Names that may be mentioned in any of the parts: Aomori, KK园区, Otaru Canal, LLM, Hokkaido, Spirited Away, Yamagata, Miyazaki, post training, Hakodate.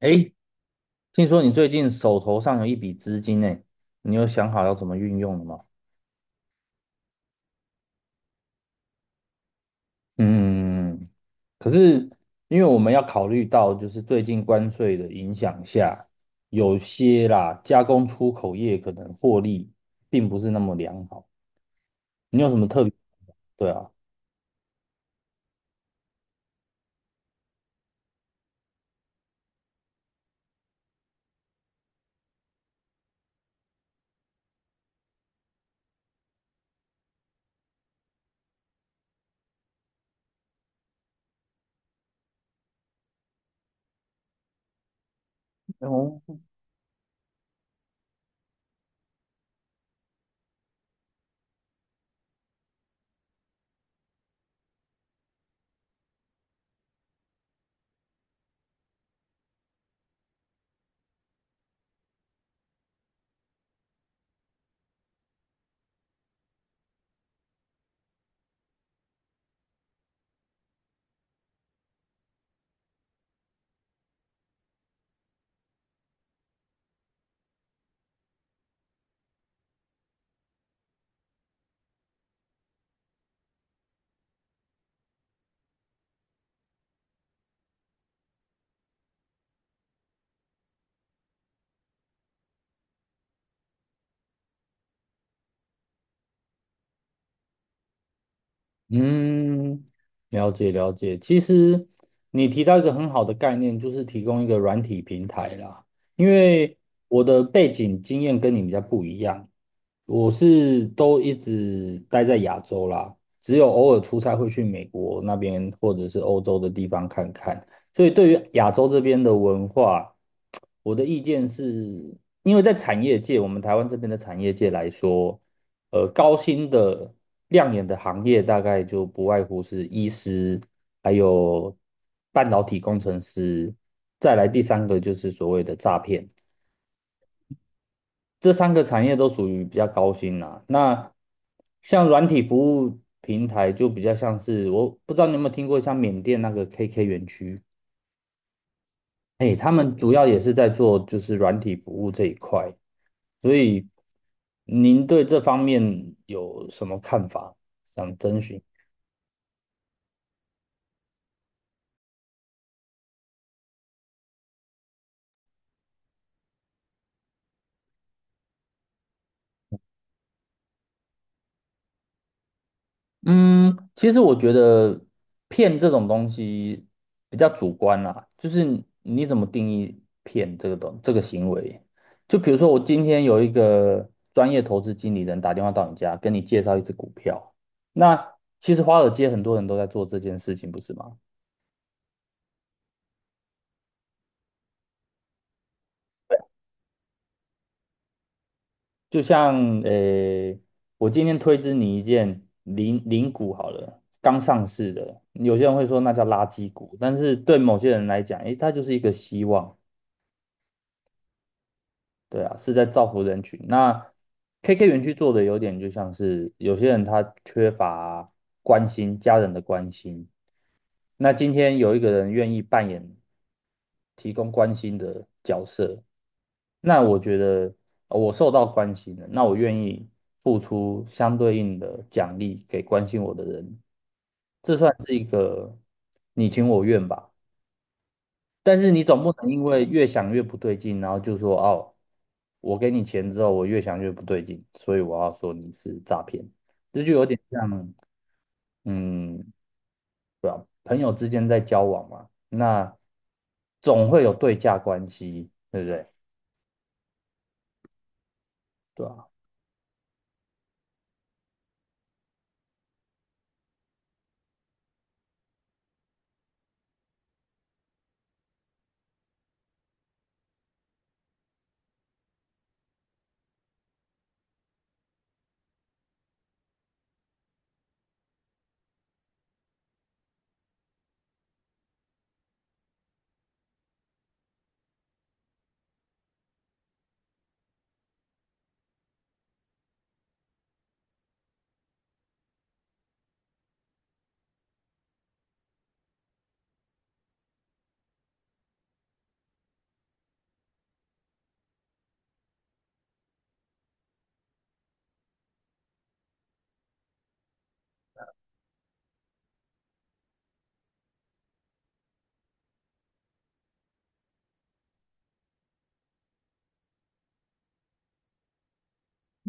诶，听说你最近手头上有一笔资金呢，你有想好要怎么运用了吗？嗯，可是因为我们要考虑到，就是最近关税的影响下，有些啦加工出口业可能获利并不是那么良好。你有什么特别？对啊，哦，嗯，了解了解。其实你提到一个很好的概念，就是提供一个软体平台啦。因为我的背景经验跟你比较不一样，我是都一直待在亚洲啦，只有偶尔出差会去美国那边或者是欧洲的地方看看。所以对于亚洲这边的文化，我的意见是，因为在产业界，我们台湾这边的产业界来说。高薪的亮眼的行业大概就不外乎是医师，还有半导体工程师，再来第三个就是所谓的诈骗。这三个产业都属于比较高薪啦、那像软体服务平台就比较像是，我不知道你有没有听过像缅甸那个 KK 园区，哎，他们主要也是在做就是软体服务这一块，所以您对这方面有什么看法？想征询。嗯，其实我觉得骗这种东西比较主观啦，就是你怎么定义骗这个东这个行为？就比如说，我今天有一个专业投资经理人打电话到你家，跟你介绍一只股票，那其实华尔街很多人都在做这件事情，不是吗？就像呃，我今天推知你一件零零股好了，刚上市的，有些人会说那叫垃圾股，但是对某些人来讲，诶，它就是一个希望。对啊，是在造福人群。那 KK 园区做的有点就像是有些人他缺乏关心，家人的关心。那今天有一个人愿意扮演提供关心的角色，那我觉得我受到关心了，那我愿意付出相对应的奖励给关心我的人，这算是一个你情我愿吧。但是你总不能因为越想越不对劲，然后就说哦，我给你钱之后，我越想越不对劲，所以我要说你是诈骗，这就有点像，嗯，对吧？朋友之间在交往嘛，那总会有对价关系，对不对？对啊，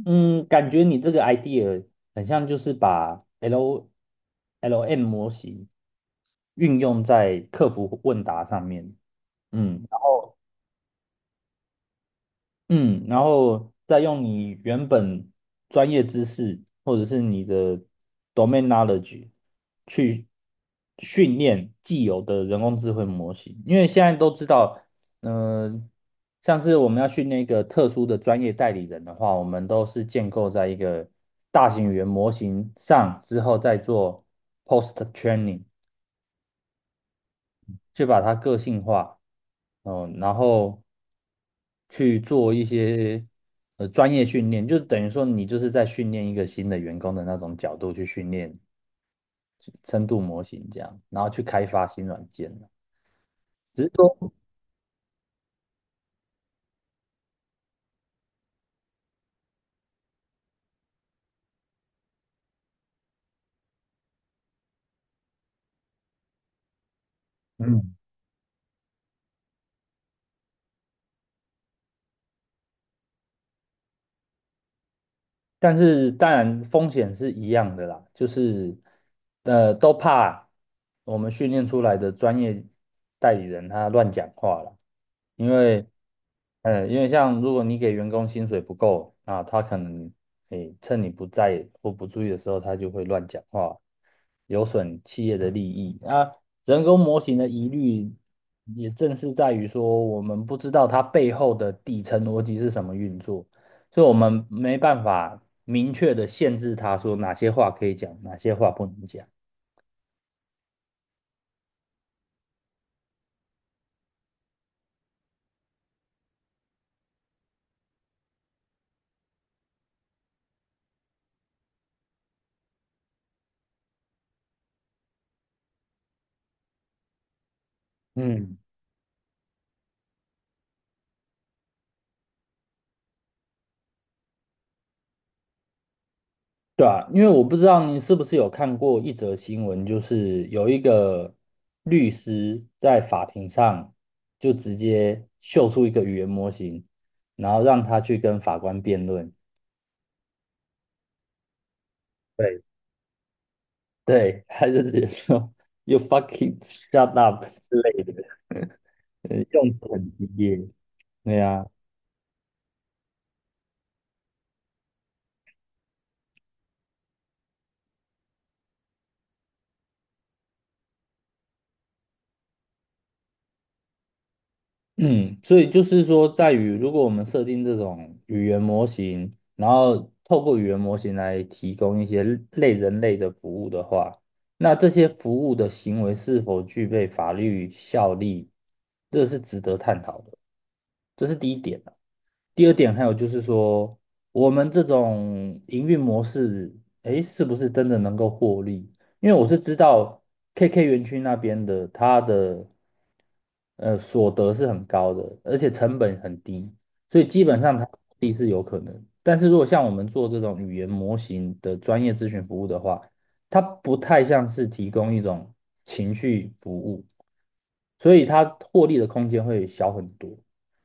嗯，感觉你这个 idea 很像就是把 LLM 模型运用在客服问答上面，嗯。嗯，然后再用你原本专业知识或者是你的 domain knowledge 去训练既有的人工智慧模型，因为现在都知道，嗯、像是我们要训练一个特殊的专业代理人的话，我们都是建构在一个大型语言模型上之后再做 post training，去把它个性化，然后去做一些专业训练，就等于说你就是在训练一个新的员工的那种角度去训练深度模型这样，然后去开发新软件。只是说，嗯，但是当然风险是一样的啦，就是都怕我们训练出来的专业代理人他乱讲话了，因为因为像如果你给员工薪水不够啊，他可能趁你不在或不注意的时候，他就会乱讲话，有损企业的利益啊。人工模型的疑虑也正是在于说，我们不知道它背后的底层逻辑是什么运作。所以我们没办法明确的限制他说哪些话可以讲，哪些话不能讲。嗯，对啊，因为我不知道你是不是有看过一则新闻，就是有一个律师在法庭上就直接秀出一个语言模型，然后让他去跟法官辩论。对，对，他就直接说 "You fucking shut up" 之类的，用词很激烈。对呀、嗯，所以就是说，在于如果我们设定这种语言模型，然后透过语言模型来提供一些类人类的服务的话，那这些服务的行为是否具备法律效力，这是值得探讨的，这是第一点啊。第二点还有就是说，我们这种营运模式，诶，是不是真的能够获利？因为我是知道 KK 园区那边的，它的所得是很高的，而且成本很低，所以基本上它获利是有可能。但是如果像我们做这种语言模型的专业咨询服务的话，它不太像是提供一种情绪服务，所以它获利的空间会小很多。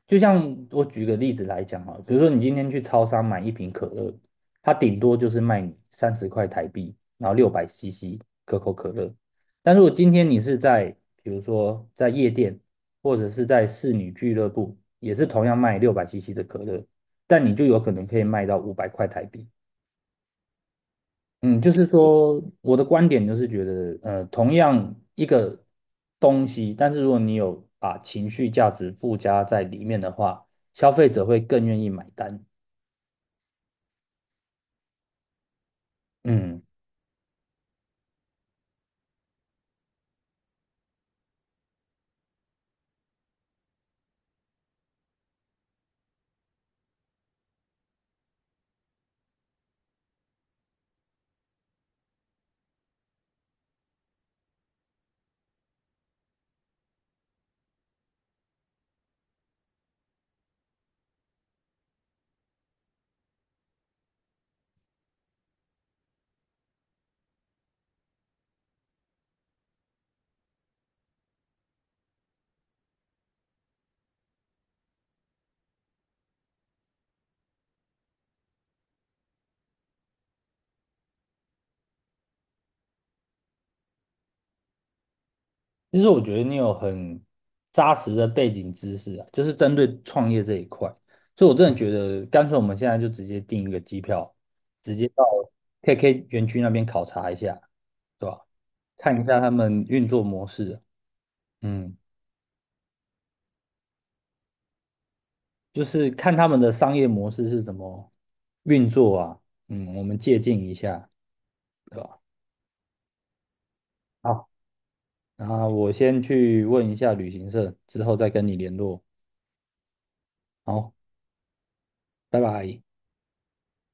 就像我举个例子来讲啊，比如说你今天去超商买一瓶可乐，它顶多就是卖你30块台币，然后六百 CC 可口可乐。但如果今天你是在比如说在夜店或者是在侍女俱乐部，也是同样卖六百 CC 的可乐，但你就有可能可以卖到500块台币。嗯，就是说，我的观点就是觉得，同样一个东西，但是如果你有把情绪价值附加在里面的话，消费者会更愿意买单。嗯，其实我觉得你有很扎实的背景知识啊，就是针对创业这一块，所以我真的觉得，干脆我们现在就直接订一个机票，直接到 KK 园区那边考察一下，对吧？看一下他们运作模式啊。嗯。就是看他们的商业模式是怎么运作啊，我们借鉴一下，对吧？好，然后我先去问一下旅行社，之后再跟你联络。好，拜拜。